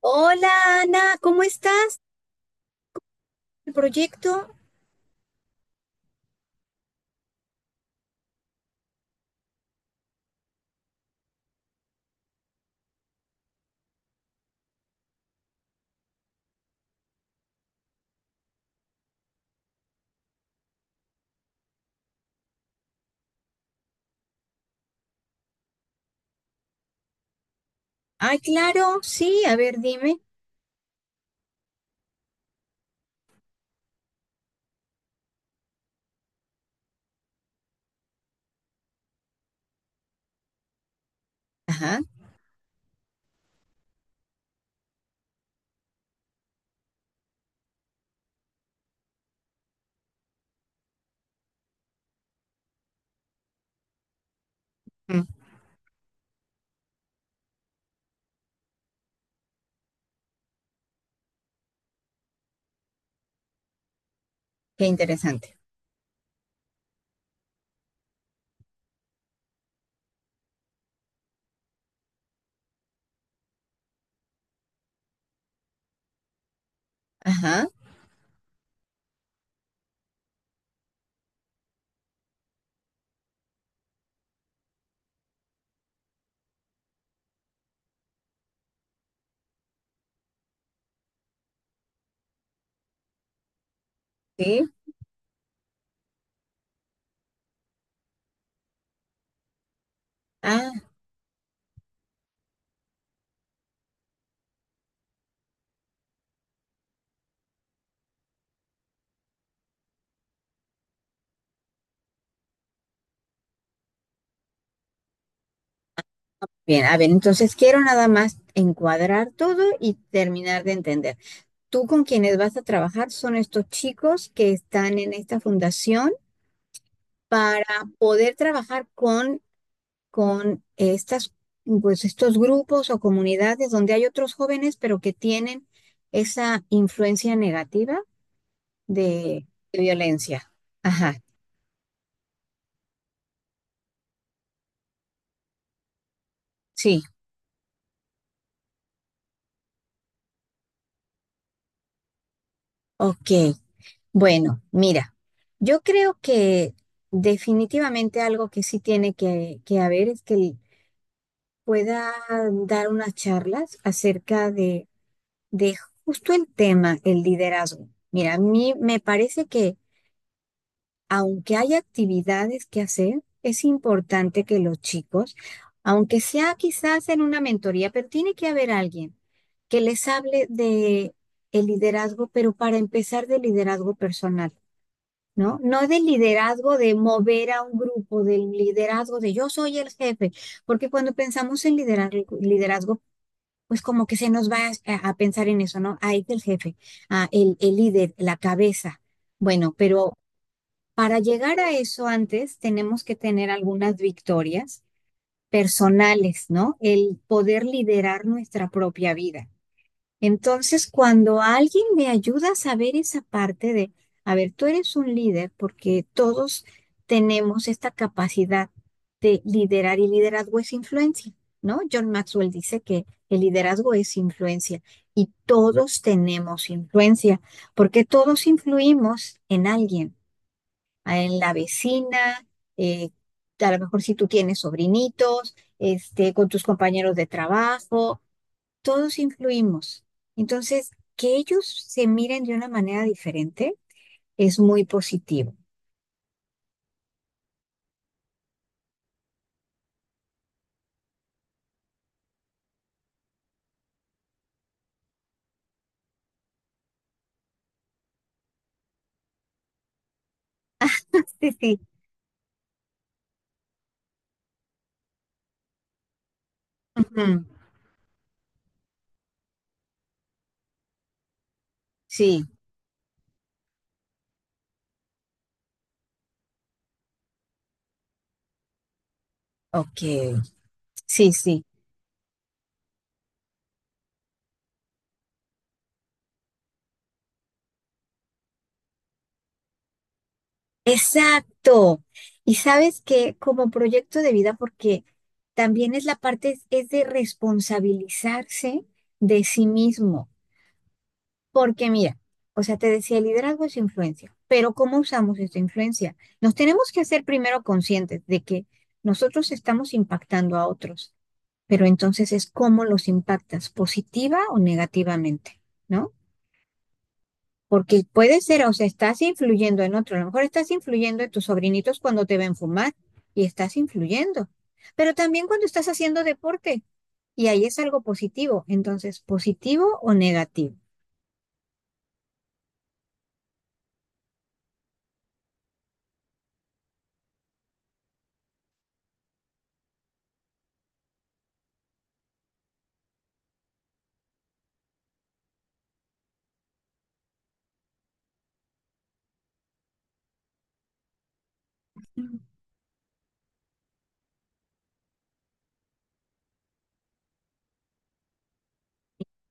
Hola Ana, ¿cómo estás? ¿El proyecto? Ah, claro, sí, a ver, dime. Ajá. Mm. Qué interesante. Ajá, sí. Ah, bien, a ver, entonces quiero nada más encuadrar todo y terminar de entender. Tú con quienes vas a trabajar son estos chicos que están en esta fundación para poder trabajar con estas, pues, estos grupos o comunidades donde hay otros jóvenes, pero que tienen esa influencia negativa. de, de violencia. Ajá, sí, ok. Bueno, mira, yo creo que definitivamente algo que sí tiene que haber es que él pueda dar unas charlas acerca de justo el tema, el liderazgo. Mira, a mí me parece que aunque hay actividades que hacer, es importante que los chicos, aunque sea quizás en una mentoría, pero tiene que haber alguien que les hable de el liderazgo, pero para empezar del liderazgo personal, ¿no? No del liderazgo de mover a un grupo, del liderazgo de yo soy el jefe, porque cuando pensamos en liderazgo, liderazgo pues como que se nos va a pensar en eso, ¿no? Ahí es el jefe, ah, el líder, la cabeza. Bueno, pero para llegar a eso antes tenemos que tener algunas victorias personales, ¿no? El poder liderar nuestra propia vida. Entonces, cuando alguien me ayuda a saber esa parte de, a ver, tú eres un líder porque todos tenemos esta capacidad de liderar y liderazgo es influencia, ¿no? John Maxwell dice que el liderazgo es influencia y todos tenemos influencia porque todos influimos en alguien en la vecina, eh, a lo mejor si tú tienes sobrinitos, este, con tus compañeros de trabajo, todos influimos. Entonces, que ellos se miren de una manera diferente es muy positivo. Sí, sí. Ujú. Sí, ok. Sí, sí. Exacto. Y sabes que como proyecto de vida, porque también es la parte, es de responsabilizarse de sí mismo. Porque mira, o sea, te decía, el liderazgo es influencia, pero ¿cómo usamos esta influencia? Nos tenemos que hacer primero conscientes de que nosotros estamos impactando a otros, pero entonces es cómo los impactas, positiva o negativamente, ¿no? Porque puede ser, o sea, estás influyendo en otro, a lo mejor estás influyendo en tus sobrinitos cuando te ven fumar y estás influyendo, pero también cuando estás haciendo deporte y ahí es algo positivo, entonces, positivo o negativo.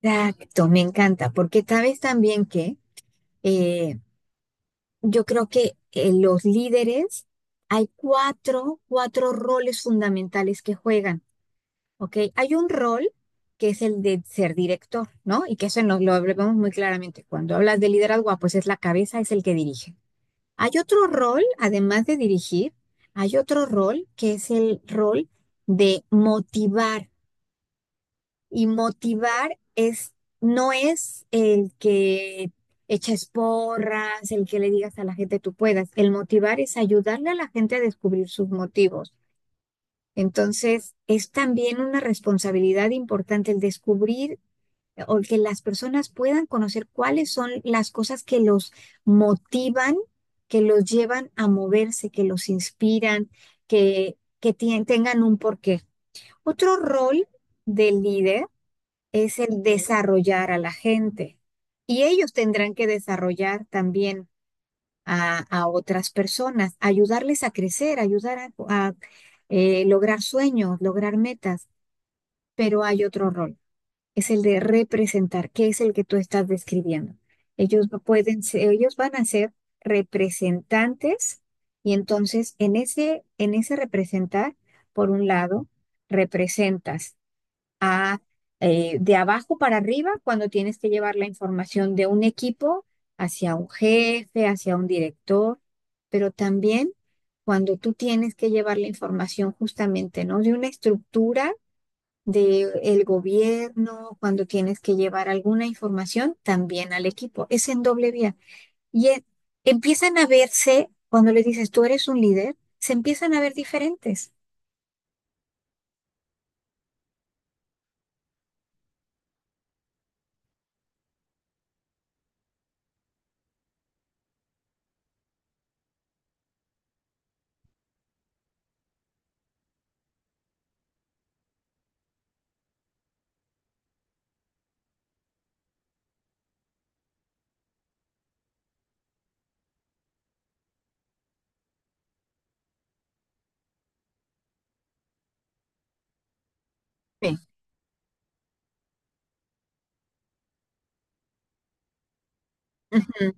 Exacto, me encanta, porque sabes también que eh, yo creo que los líderes, hay 4 roles fundamentales que juegan, ¿ok? Hay un rol que es el de ser director, ¿no? Y que eso nos lo vemos muy claramente. Cuando hablas de liderazgo, ah, pues es la cabeza, es el que dirige. Hay otro rol, además de dirigir, hay otro rol que es el rol de motivar. Y motivar es, no es el que eches porras, el que le digas a la gente tú puedas. El motivar es ayudarle a la gente a descubrir sus motivos. Entonces, es también una responsabilidad importante el descubrir o que las personas puedan conocer cuáles son las cosas que los motivan, que los llevan a moverse, que los inspiran, que tengan un porqué. Otro rol del líder es el desarrollar a la gente. Y ellos tendrán que desarrollar también a otras personas, ayudarles a crecer, ayudar a lograr sueños, lograr metas. Pero hay otro rol, es el de representar, que es el que tú estás describiendo. Ellos no pueden ser- Ellos van a ser representantes y entonces en en ese representar, por un lado, representas de abajo para arriba cuando tienes que llevar la información de un equipo hacia un jefe, hacia un director, pero también cuando tú tienes que llevar la información justamente, ¿no? De una estructura del gobierno, cuando tienes que llevar alguna información también al equipo. Es en doble vía. Y e- Empiezan a verse, cuando les dices, tú eres un líder, se empiezan a ver diferentes. Sí. Ujú.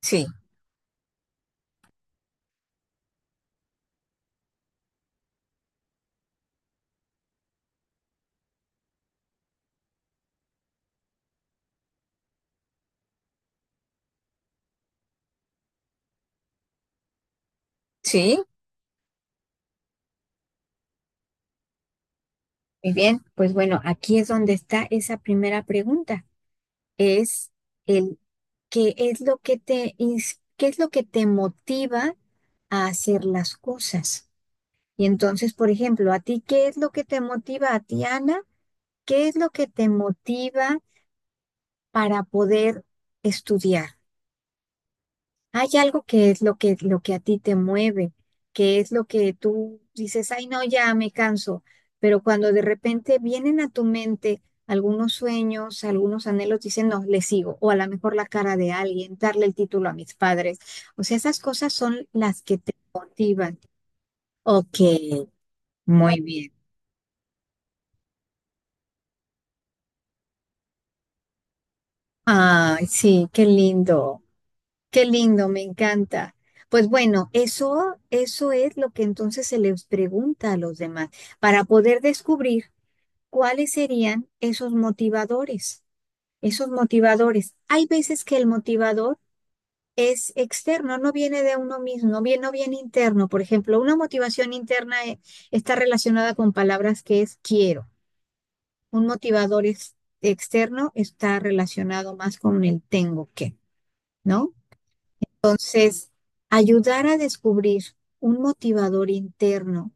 Sí, sí. Muy bien, pues bueno, aquí es donde está esa primera pregunta. Es el qué es lo que te motiva a hacer las cosas. Y entonces, por ejemplo, a ti, ¿qué es lo que te motiva a ti, Ana? ¿Qué es lo que te motiva para poder estudiar? Hay algo que es lo lo que a ti te mueve, que es lo que tú dices, ay, no, ya me canso, pero cuando de repente vienen a tu mente algunos sueños, algunos anhelos, dicen, no, le sigo, o a lo mejor la cara de alguien, darle el título a mis padres. O sea, esas cosas son las que te motivan. Ok, muy bien. Ay, sí, qué lindo. Qué lindo, me encanta. Pues bueno, eso es lo que entonces se les pregunta a los demás para poder descubrir cuáles serían esos motivadores. Esos motivadores. Hay veces que el motivador es externo, no viene de uno mismo, no viene interno. Por ejemplo, una motivación interna está relacionada con palabras que es quiero. Un motivador externo está relacionado más con el tengo que, ¿no? Entonces, ayudar a descubrir un motivador interno.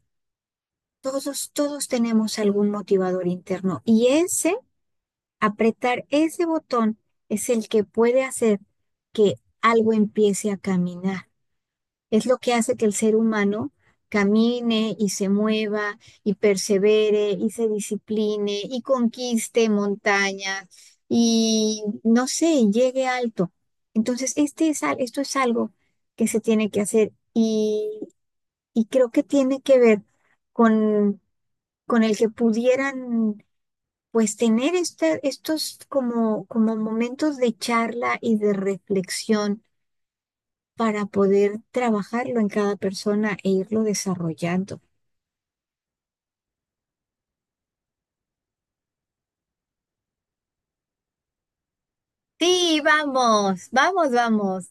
Todos tenemos algún motivador interno y ese, apretar ese botón es el que puede hacer que algo empiece a caminar. Es lo que hace que el ser humano camine y se mueva y persevere y se discipline y conquiste montañas y no sé, llegue alto. Entonces, esto es algo que se tiene que hacer y creo que tiene que ver con, con el que pudieran pues tener estos como, como momentos de charla y de reflexión para poder trabajarlo en cada persona e irlo desarrollando. Sí, vamos, vamos, vamos.